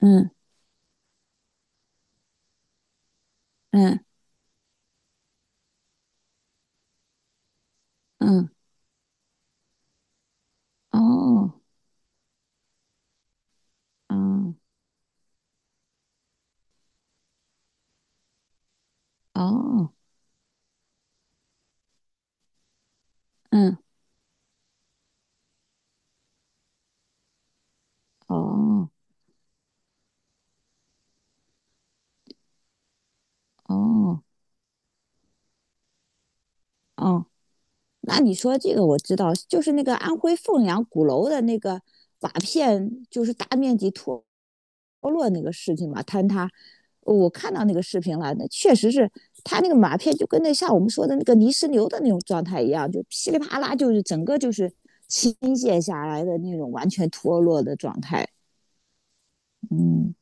嗯嗯嗯。哦。嗯，哦。嗯，哦哦哦。那你说这个我知道，就是那个安徽凤阳鼓楼的那个瓦片，就是大面积脱落那个事情嘛，坍塌。我看到那个视频了，那确实是它那个瓦片就跟那像我们说的那个泥石流的那种状态一样，就噼里啪啦，就是整个就是倾泻下来的那种完全脱落的状态。嗯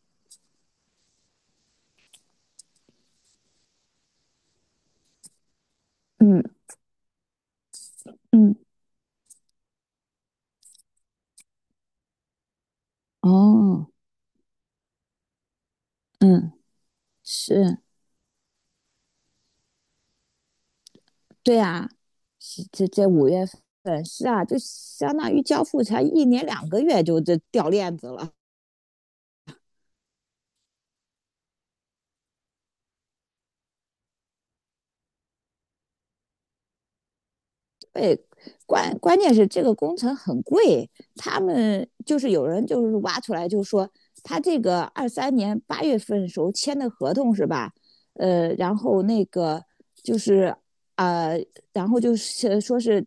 嗯嗯。哦。嗯。是，对啊。是这5月份是啊，就相当于交付才1年2个月就这掉链子了。对。关键是这个工程很贵，他们就是有人就是挖出来就说他这个23年8月份时候签的合同是吧？然后那个就是啊，然后就是说是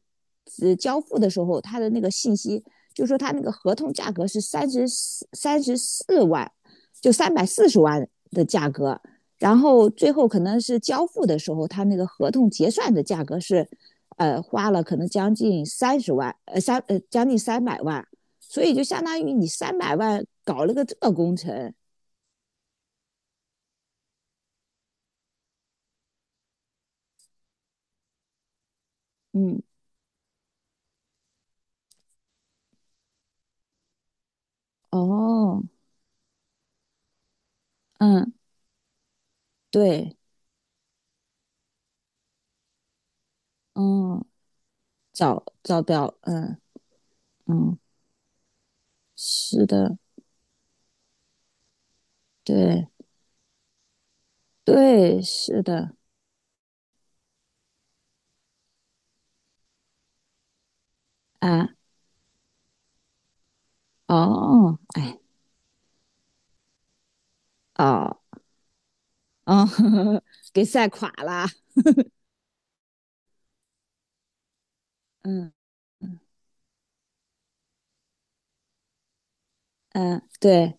交付的时候他的那个信息，就说他那个合同价格是三十四万，就340万的价格。然后最后可能是交付的时候，他那个合同结算的价格是，花了可能将近30万，呃三呃将近三百万，所以就相当于你三百万搞了个这个工程。嗯。哦。嗯。对。嗯。找找表。嗯嗯。是的。对对。是的。啊。哦。哎。哦。哦。给晒垮了。嗯嗯。对。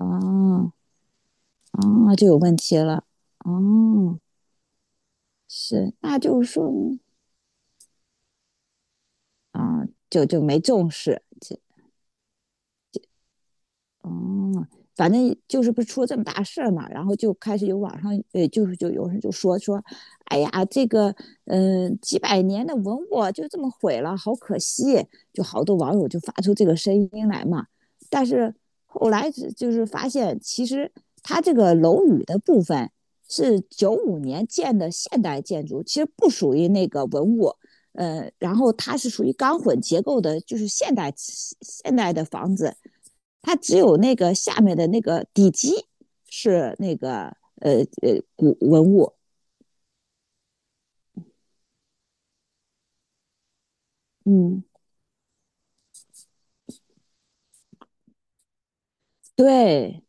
哦。啊，就有问题了。哦。是，那就是说嗯。啊，就没重视。哦，反正就是不是出了这么大事儿嘛，然后就开始有网上，就是就有人就说，哎呀，这个，几百年的文物就这么毁了，好可惜，就好多网友就发出这个声音来嘛。但是后来是就是发现，其实它这个楼宇的部分是1995年建的现代建筑，其实不属于那个文物。然后它是属于钢混结构的，就是现代的房子。它只有那个下面的那个底基是那个古文物。嗯。对。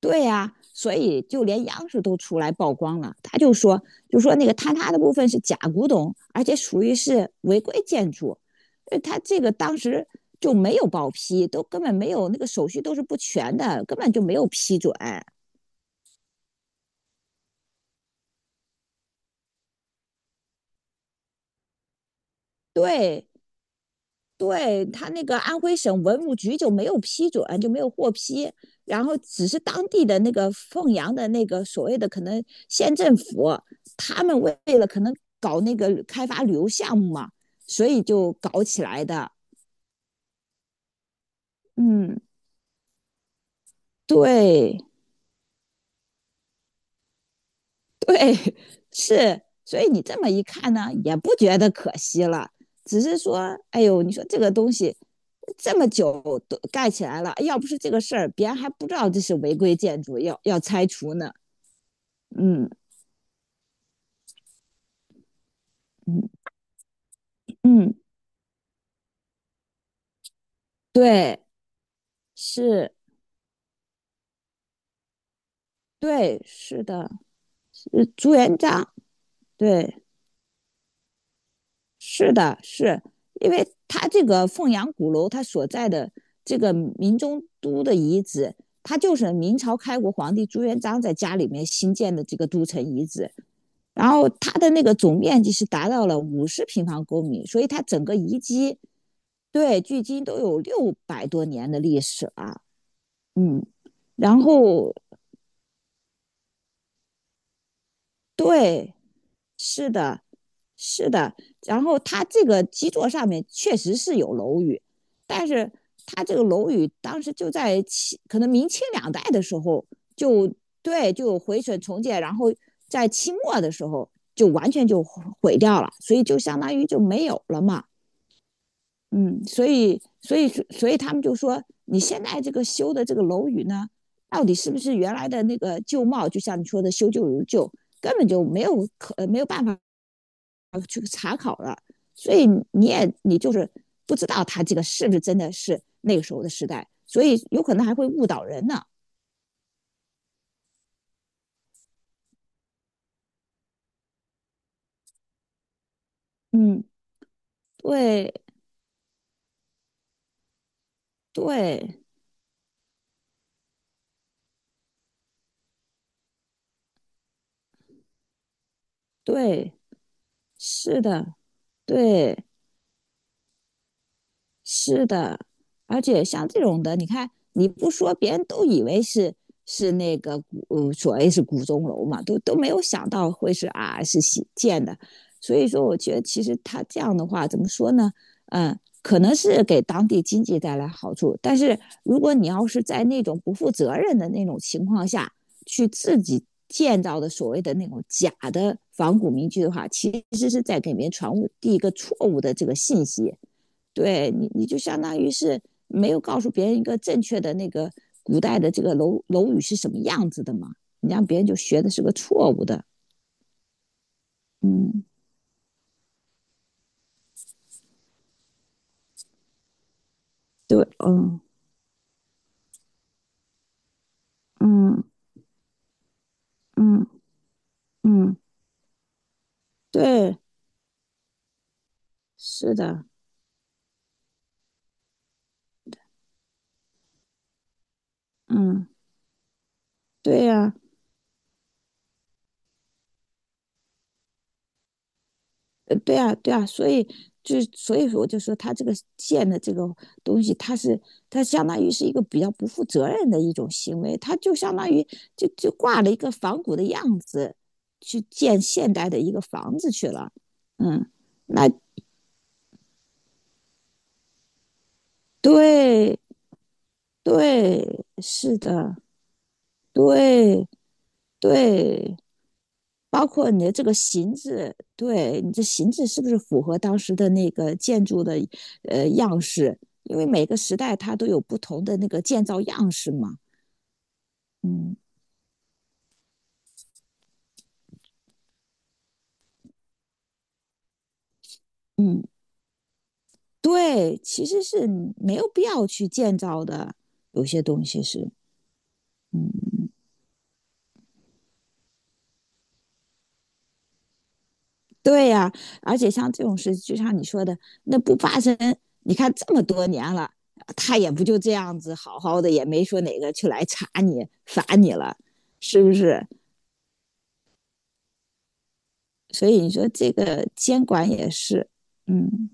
对呀、啊所以就连央视都出来曝光了，他就说那个坍塌的部分是假古董，而且属于是违规建筑，为他这个当时就没有报批，都根本没有那个手续都是不全的，根本就没有批准。对。对，他那个安徽省文物局就没有批准，就没有获批，然后只是当地的那个凤阳的那个所谓的可能县政府，他们为了可能搞那个开发旅游项目嘛，所以就搞起来的。嗯。对。对。是。所以你这么一看呢，也不觉得可惜了，只是说，哎呦，你说这个东西这么久都盖起来了，要不是这个事儿，别人还不知道这是违规建筑，要拆除呢。嗯嗯嗯。对。是。对。是的。是朱元璋。对。是的。是因为它这个凤阳鼓楼，它所在的这个明中都的遗址，它就是明朝开国皇帝朱元璋在家里面新建的这个都城遗址。然后它的那个总面积是达到了50平方公里，所以它整个遗迹对距今都有600多年的历史了。啊。嗯。然后对，是的，是的。然后它这个基座上面确实是有楼宇，但是它这个楼宇当时就在清，可能明清两代的时候就对就毁损重建，然后在清末的时候就完全就毁掉了，所以就相当于就没有了嘛。嗯，所以他们就说，你现在这个修的这个楼宇呢，到底是不是原来的那个旧貌？就像你说的，修旧如旧，根本就没有没有办法去查考了。所以你就是不知道他这个是不是真的是那个时候的时代，所以有可能还会误导人呢。嗯。对对对。是的。对。是的，而且像这种的，你看你不说，别人都以为是那个所谓是古钟楼嘛，都没有想到会是新建的。所以说，我觉得其实他这样的话，怎么说呢？嗯，可能是给当地经济带来好处，但是如果你要是在那种不负责任的那种情况下去自己建造的所谓的那种假的仿古民居的话，其实是在给别人传递一个错误的这个信息。对你，就相当于是没有告诉别人一个正确的那个古代的这个楼宇是什么样子的嘛，你让别人就学的是个错误的。嗯。对。嗯嗯嗯嗯。对。是的。嗯。对呀、对啊。对啊。所以所以说，我就说他这个建的这个东西，他相当于是一个比较不负责任的一种行为，他就相当于就挂了一个仿古的样子去建现代的一个房子去了。嗯。那对。对。是的。对。对。包括你的这个形制，对你这形制是不是符合当时的那个建筑的样式？因为每个时代它都有不同的那个建造样式嘛。嗯嗯。对。其实是没有必要去建造的，有些东西是，嗯，对呀、而且像这种事，就像你说的，那不发生，你看这么多年了，他也不就这样子好好的，也没说哪个去来查你罚你了，是不是？所以你说这个监管也是，嗯，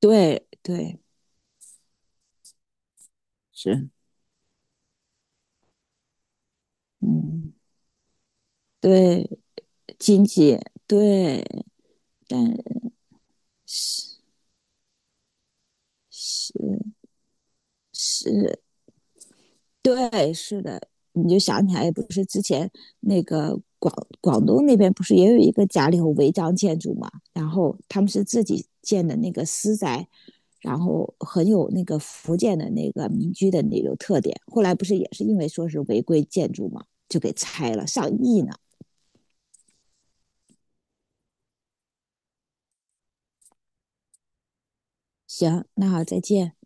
对对是，嗯对经济对，但是是是对是的，你就想起来不是之前那个广东那边不是也有一个家里头违章建筑嘛，然后他们是自己建的那个私宅，然后很有那个福建的那个民居的那种特点。后来不是也是因为说是违规建筑嘛，就给拆了，上亿呢。行，那好，再见。